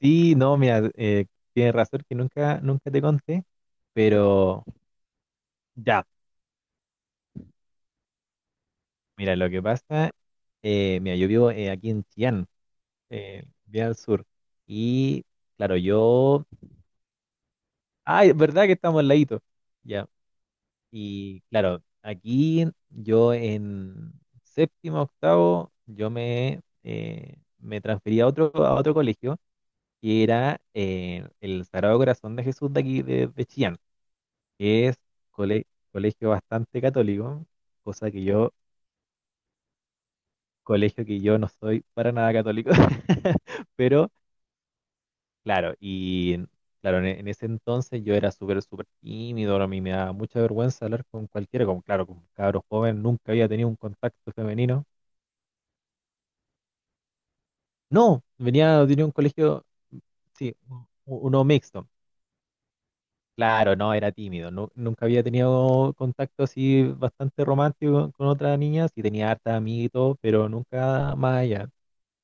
Sí, no, mira, tienes razón que nunca te conté, pero ya, mira, lo que pasa, mira, yo vivo aquí en Chillán, bien al sur, y claro, yo, ay, es verdad que estamos al ladito, ya, y claro, aquí yo en séptimo, octavo, me transferí a otro colegio, que era el Sagrado Corazón de Jesús de aquí, de Chillán. es cole- Colegio bastante católico, cosa que yo, colegio que yo no soy para nada católico, pero claro, y claro, en ese entonces yo era súper tímido, no, a mí me daba mucha vergüenza hablar con cualquiera, como claro, con cabros joven, nunca había tenido un contacto femenino. No, venía, tenía un colegio, sí, uno mixto. Claro, no, era tímido. Nunca había tenido contacto así bastante romántico con otra niña, sí tenía harta amiga y todo, pero nunca más allá.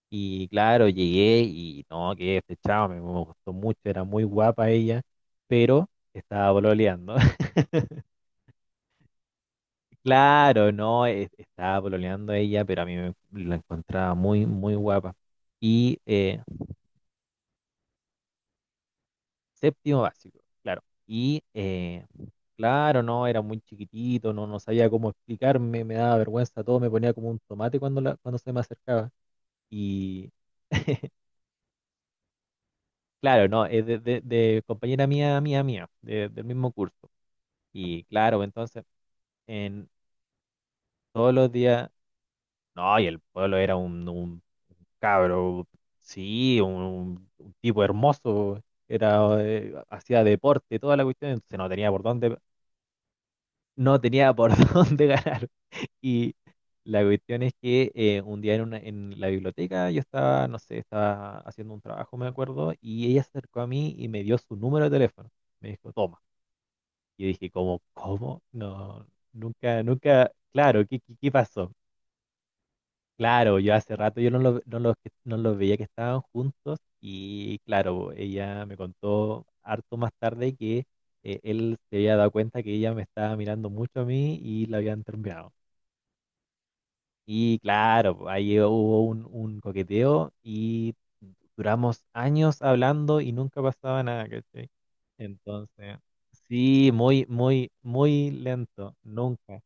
Y claro, llegué y no, quedé flechado, me gustó mucho, era muy guapa ella, pero estaba pololeando. Claro, no, estaba pololeando ella, pero a mí me, la encontraba muy guapa. Y eh, Séptimo básico, claro. Y eh, Claro, no, era muy chiquitito, no, no sabía cómo explicarme, me daba vergüenza todo, me ponía como un tomate cuando, la, cuando se me acercaba. Y claro, no, es de compañera mía, del mismo curso. Y claro, entonces, en todos los días, no, y el pueblo era un cabro, sí, un tipo hermoso, era, hacía deporte, toda la cuestión, entonces no tenía por dónde, no tenía por dónde ganar. Y la cuestión es que un día en la biblioteca yo estaba, no sé, estaba haciendo un trabajo, me acuerdo, y ella se acercó a mí y me dio su número de teléfono. Me dijo, toma. Y dije, ¿cómo? ¿Cómo? No, nunca, nunca, claro, ¿ qué pasó? Claro, yo hace rato yo no los no los veía que estaban juntos y claro, ella me contó harto más tarde que él se había dado cuenta que ella me estaba mirando mucho a mí y la habían terminado. Y claro, pues, ahí hubo un coqueteo y duramos años hablando y nunca pasaba nada, ¿cachai? Entonces, sí, muy lento, nunca.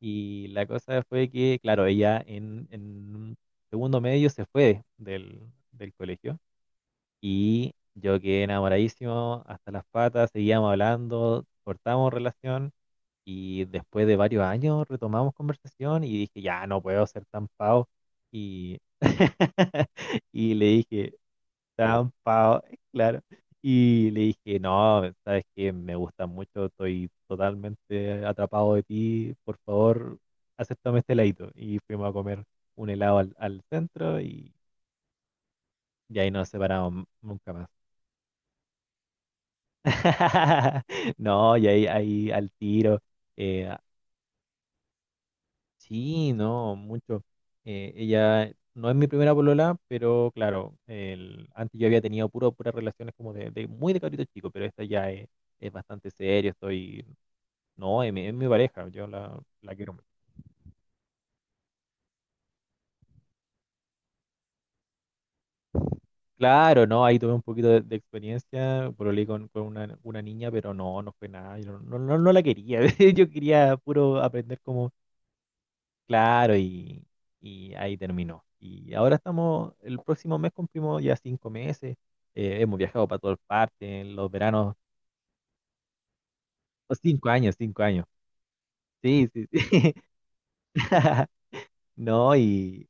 Y la cosa fue que, claro, ella en segundo medio se fue del colegio y yo quedé enamoradísimo hasta las patas, seguíamos hablando, cortamos relación. Y después de varios años retomamos conversación y dije, ya no puedo ser tan pavo. Y, y le dije, tan pavo, claro. Y le dije, no, sabes que me gusta mucho, estoy totalmente atrapado de ti, por favor, acéptame este heladito. Y fuimos a comer un helado al centro y ahí nos separamos nunca más. No, y ahí, ahí al tiro. eh, Sí, no, mucho. Ella no es mi primera polola, pero claro, el, antes yo había tenido puro, puras relaciones como de muy de cabrito chico, pero esta ya es bastante serio, estoy, no, es mi pareja, la quiero mucho. Claro, no, ahí tuve un poquito de experiencia, pololeé con una niña, pero no, no fue nada, yo no, no, no la quería, yo quería puro aprender como claro, y ahí terminó. Y ahora estamos, el próximo mes cumplimos ya cinco meses. Hemos viajado para todas partes, en los veranos, oh, cinco años, cinco años. Sí, sí, sí. No, y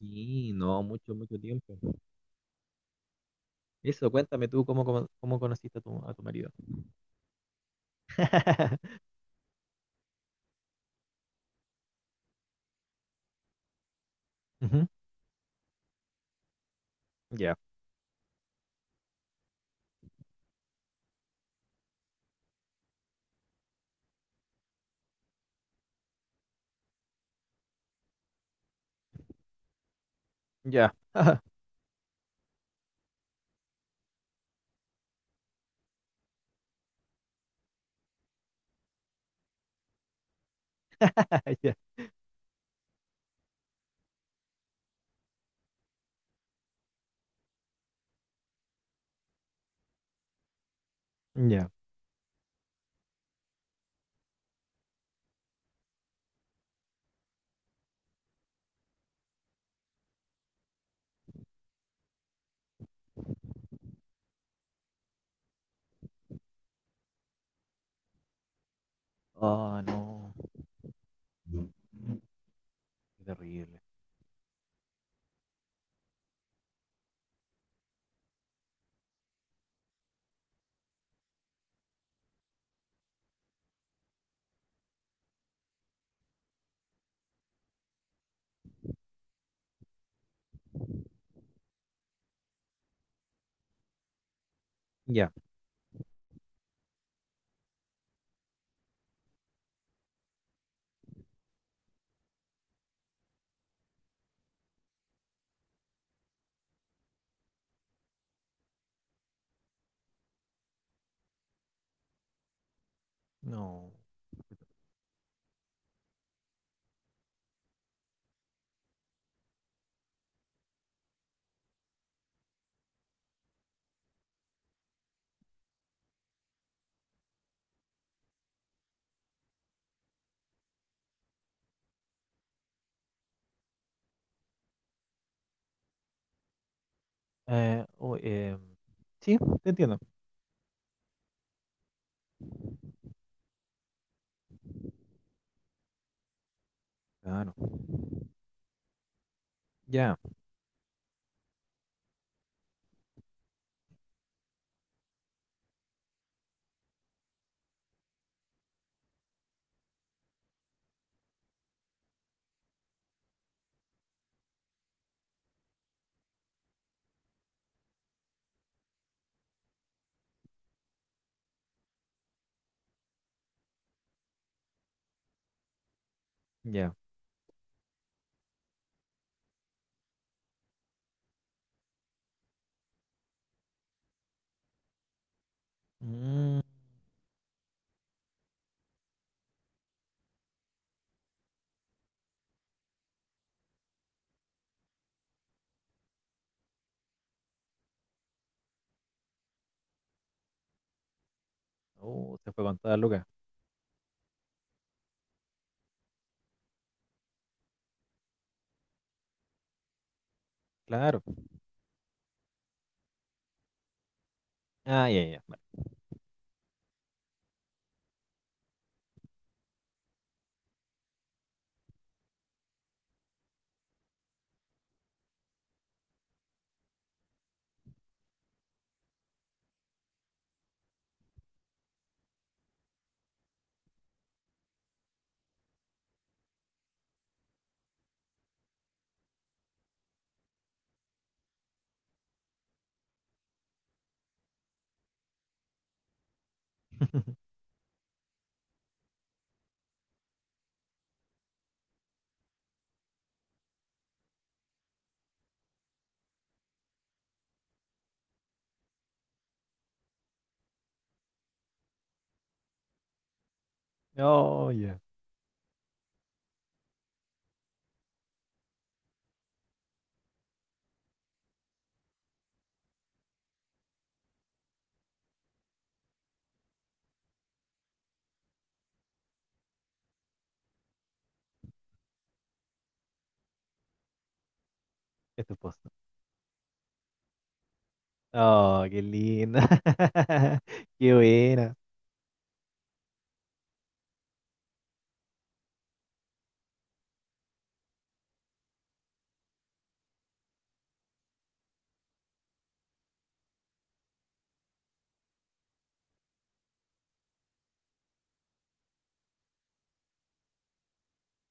sí, no, mucho, mucho tiempo. Eso, cuéntame tú cómo, cómo conociste a a tu marido. Ujú, ya, ya, ya, ya. Oh, no. Qué terrible. Ya, no. Eh, oh, em, sí, te entiendo. Claro. Ya, ya. Mm, oh, se fue con toda Lucas. Claro. Ah, ya, ya, vale. Oh, ya. Esto es tu posta. Oh, qué linda. Qué buena.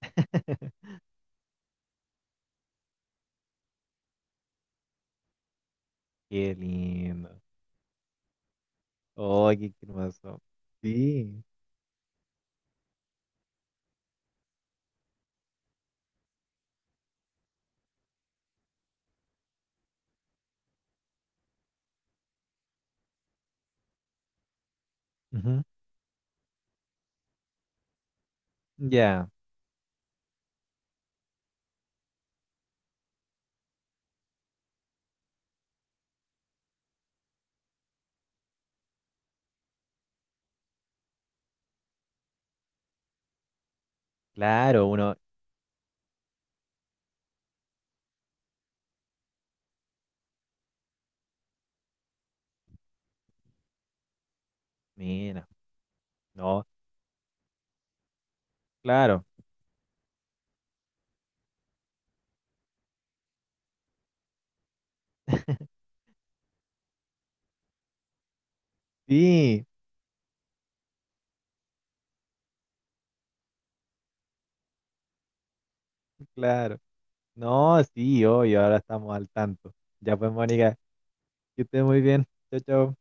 Qué lindo. Oh, qué hermoso. Sí. Ujú. Ya, claro, uno. Mira, no, claro. Sí, claro. No, sí, obvio, ahora estamos al tanto. Ya pues, Mónica, que estés muy bien. Chao, chao.